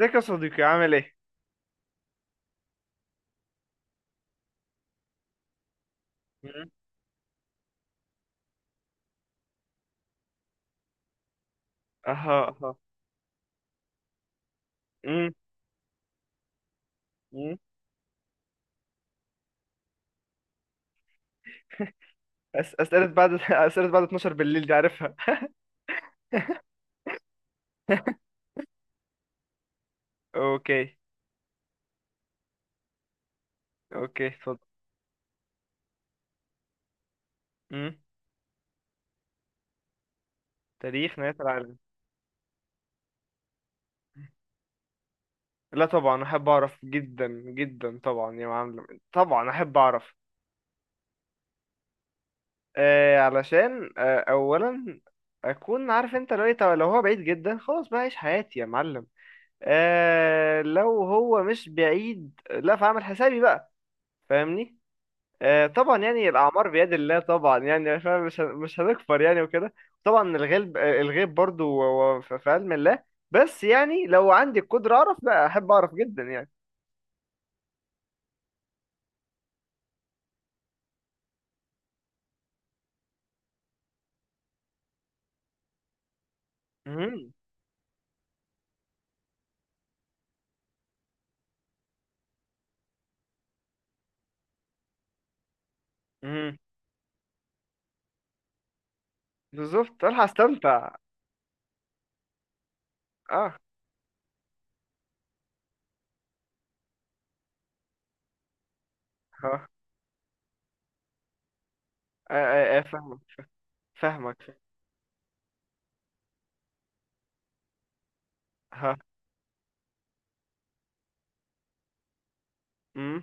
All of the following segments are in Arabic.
ازيك يا صديقي؟ عامل ايه؟ مم. اها اها. مم. مم. أسئلة بعد أسئلة بعد 12 بالليل، دي عارفها. اوكي اوكي، اتفضل. مم. تاريخ نهاية العالم. لا طبعا، احب اعرف جدا جدا، طبعا يا معلم، طبعا احب اعرف. آه علشان اولا اكون عارف انت لو إيه، لو هو بعيد جدا خلاص بقى عيش حياتي يا معلم. آه لو هو مش بعيد، لا فاعمل حسابي بقى. فاهمني. آه، طبعا يعني الاعمار بيد الله، طبعا يعني فاهم، مش هنكفر يعني وكده. طبعا الغيب، الغيب برضو هو في علم الله. بس يعني لو عندي القدره اعرف، لا احب اعرف جدا يعني. امم امم. بالظبط، الحق استمتع. اه. ها. آه، آه، آه، فاهمك. فاهمك. ها. امم.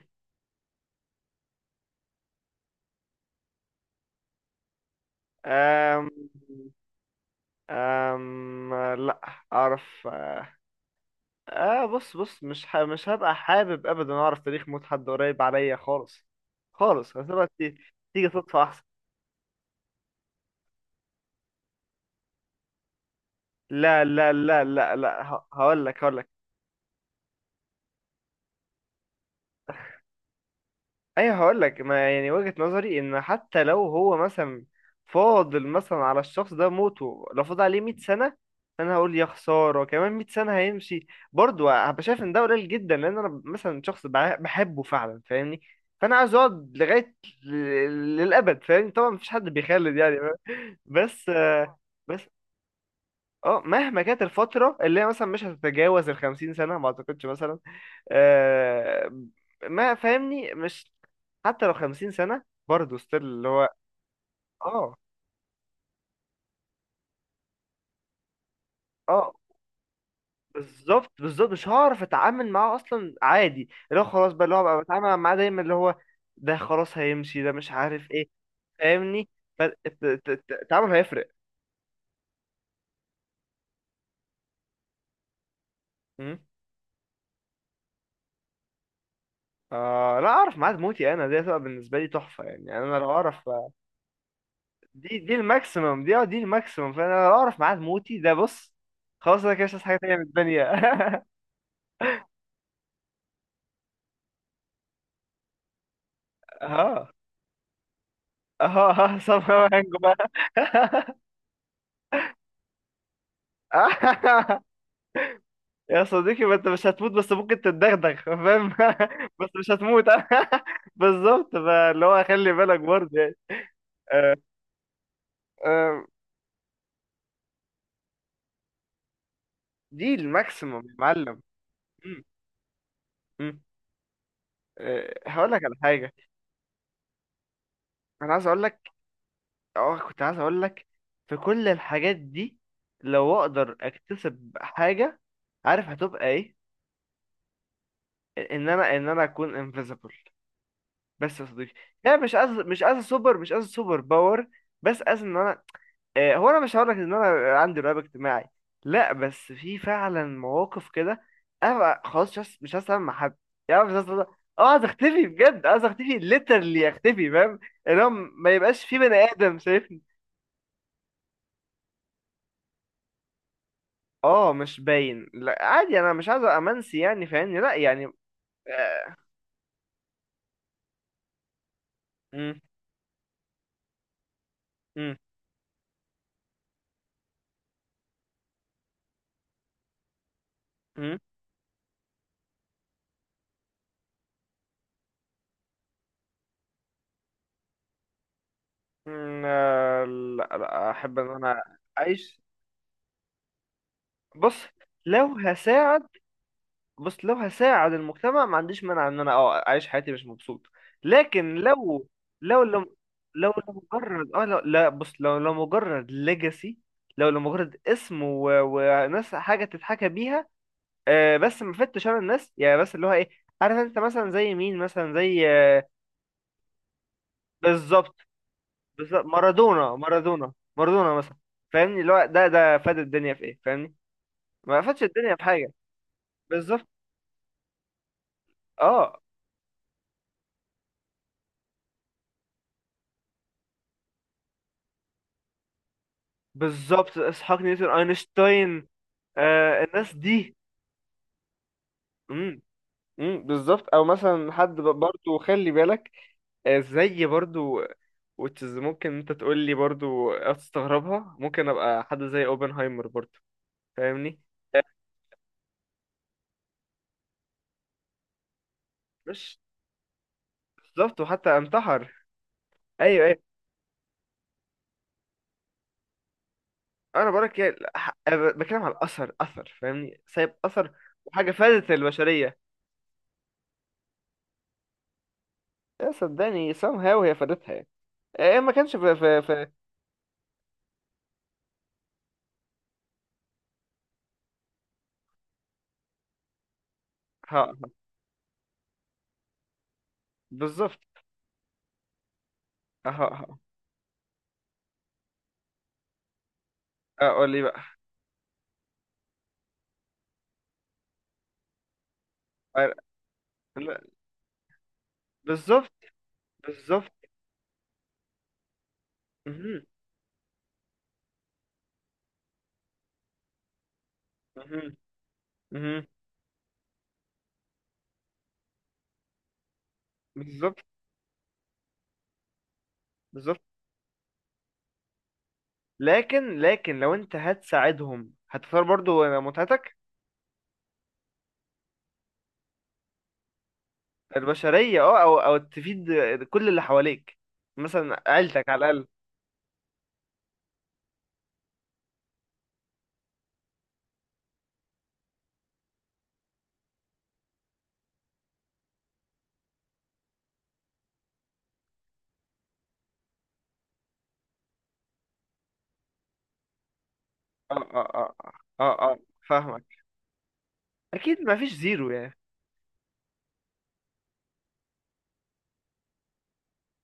أم... أم... لا. اعرف. اه بص بص، مش هبقى حابب ابدا اعرف تاريخ موت حد قريب عليا خالص. خالص، تيجي صدفة احسن. لا لا لا لا لا، هقول لك. ايوه هقول لك، ما يعني وجهة نظري ان حتى لو هو مثلا فاضل مثلا على الشخص ده موته، لو فاضل عليه 100 سنة، انا هقول يا خسارة، كمان 100 سنة هيمشي. برضه هبقى شايف ان ده قليل جدا، لان انا مثلا شخص بحبه فعلا فاهمني. فانا عايز اقعد لغاية للابد، فاهمني. طبعا مفيش حد بيخلد يعني. بس. بس اه، مهما كانت الفترة اللي هي مثلا مش هتتجاوز الخمسين سنة، ما اعتقدش مثلا. آه. ما فاهمني مش، حتى لو خمسين سنة، برضه ستيل اللي هو. اه. اه بالظبط بالظبط، مش هعرف اتعامل معاه اصلا، عادي اللي هو خلاص بقى اللي هو بقى بتعامل معاه دايما اللي هو، ده خلاص هيمشي ده مش عارف ايه. فاهمني. فالتعامل هيفرق. مم. آه لا، اعرف ميعاد موتي انا، دي هتبقى بالنسبة لي تحفة يعني. انا لو اعرف، دي الماكسيمم، دي الماكسيمم. فانا لو اعرف ميعاد موتي ده بص، خلاص انا كده مش عايز حاجه تانيه من الدنيا. اه اه اه، somehow هنجو بقى. يا صديقي، ما انت مش هتموت، بس ممكن تتدغدغ فاهم. بس مش هتموت. بالظبط، فاللي هو خلي بالك برضه يعني. آه، آه، دي الماكسيمم يا معلم. م- م. آه، هقول لك على حاجه. انا عايز اقول لك، اه كنت عايز اقول لك، في كل الحاجات دي، لو اقدر اكتسب حاجة، عارف هتبقى ايه؟ ان انا اكون انفيزبل. بس يا صديقي، يعني مش عايز مش عايز سوبر مش عايز سوبر باور، بس عايز ان انا، هو انا مش هقول لك ان انا عندي رهاب اجتماعي، لا بس في فعلا مواقف كده انا بقى خلاص مش عايز اتعامل مع حد. يعني مش عايز أتعامل- اه عايز اختفي بجد، عايز اختفي ليترلي اختفي فاهم، اللي هو ما يبقاش في بني ادم شايفني. اه مش باين، لا عادي انا مش عايز امنسي يعني فاهمني، لا يعني. آه، مم، مم، مم، مم، آه، لا لا احب ان انا اعيش. بص، لو هساعد، بص لو هساعد المجتمع ما عنديش مانع ان انا اعيش حياتي مش مبسوط. لكن لو، لو لو لمجرد اه لو لا بص لو لو مجرد ليجاسي، لو لمجرد اسم وناس حاجه تتحكى بيها، آه بس ما فدتش انا الناس يعني، بس اللي هو ايه، عارف انت مثلا زي مين؟ مثلا زي، بالظبط بالظبط، مارادونا مارادونا مارادونا مثلا. فاهمني اللي هو ده فاد الدنيا في ايه فاهمني؟ ما فادش الدنيا في حاجه. بالظبط. اه. بالظبط، اسحاق نيوتن، اينشتاين. آه الناس دي. امم. بالظبط، او مثلا حد برضو خلي بالك. آه زي برضو، وتشز ممكن انت تقول لي برضو هتستغربها، ممكن ابقى حد زي اوبنهايمر برضو. فاهمني. آه، مش، بالظبط وحتى انتحر. ايوه ايوه. انا بقولك يعني، أنا بتكلم على الاثر، اثر فاهمني، سايب اثر وحاجه فادت البشريه. يا صدقني somehow هي فادتها يعني. إيه إيه، ما كانش في. ها. بالظبط. ها ها. اقول لي بقى. أه، لا، بالظبط. بالظبط. مهم، مهم، مهم، بالظبط. بالظبط. لكن لو انت هتساعدهم، هتختار برضو متعتك. البشريه او تفيد كل اللي حواليك، مثلا عيلتك على الاقل. اه اه اه اه. اه آه، فاهمك. اكيد ما فيش زيرو يعني.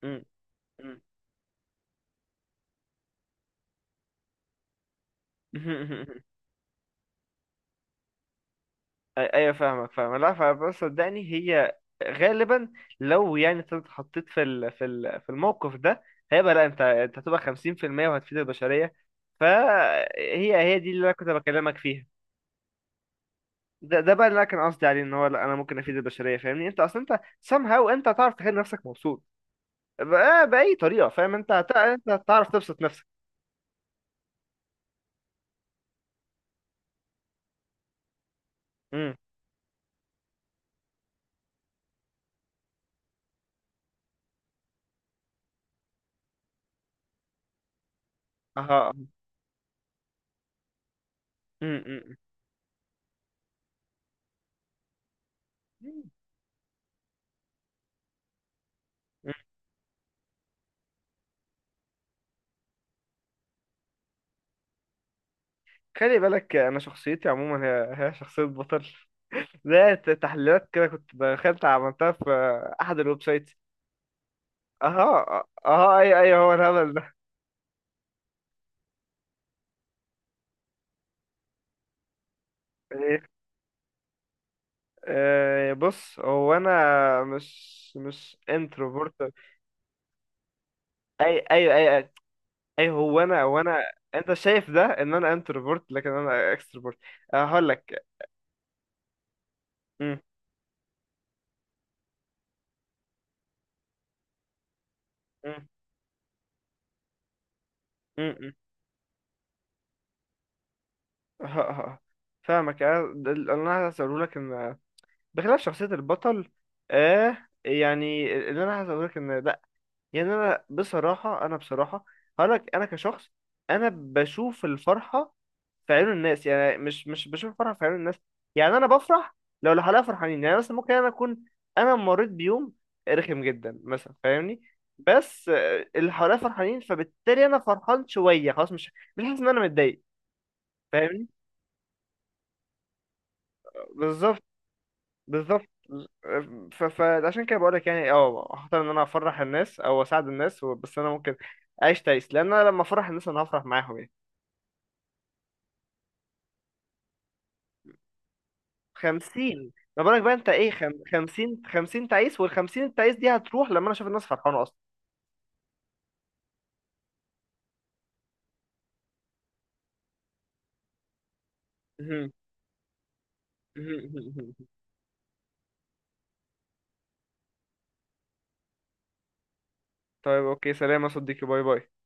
مم. مم. ايوه فاهمك، فاهم. لا فبس صدقني هي غالبا، لو يعني انت اتحطيت في الموقف ده، هيبقى لا، انت هتبقى 50% وهتفيد البشريه، فهي هي دي اللي انا كنت بكلمك فيها. ده بقى اللي انا كان قصدي عليه، ان هو لا انا ممكن افيد البشريه فاهمني، انت اصلا انت somehow انت هتعرف تخلي نفسك مبسوط باي طريقه فاهم، انت هتعرف تبسط نفسك. امم. اها. امم، امم. خلي بالك، انا شخصيتي عموما هي شخصيه بطل. ده تحليلات كده كنت دخلت عملتها في احد الويب سايتس. اها اها، اي اي هو الهبل ده. ايه. آه، بص هو انا مش انتروفورت. اي اي اي اي. أي هو انا انت شايف ده ان انا انتروفورت، لكن انا اكستروفورت. هقول لك. م- م- م- م. ه- ه- فاهمك، انا ده اللي انا هسأله لك، ان بخلاف شخصية البطل آه، يعني اللي أنا عايز أقولك إن لأ، يعني أنا بصراحة هقولك، أنا كشخص أنا بشوف الفرحة في عيون الناس، يعني مش بشوف الفرحة في عيون الناس، يعني أنا بفرح لو اللي حواليا فرحانين. يعني مثلا ممكن أنا أكون، أنا مريت بيوم رخم جدا مثلا فاهمني، بس آه، اللي حواليا فرحانين فبالتالي أنا فرحان شوية، خلاص مش حاسس إن أنا متضايق. فاهمني. بالظبط. بالظبط. فعشان كده بقولك يعني، هختار ان انا افرح الناس او اساعد الناس بس انا ممكن اعيش تعيس، لان انا لما افرح الناس انا هفرح معاهم يعني. خمسين، ما بالك بقى انت ايه! خمسين تعيس، والخمسين التعيس دي هتروح لما انا اشوف الناس فرحانة اصلا. طيب اوكي، سلام يا صديقي، باي باي.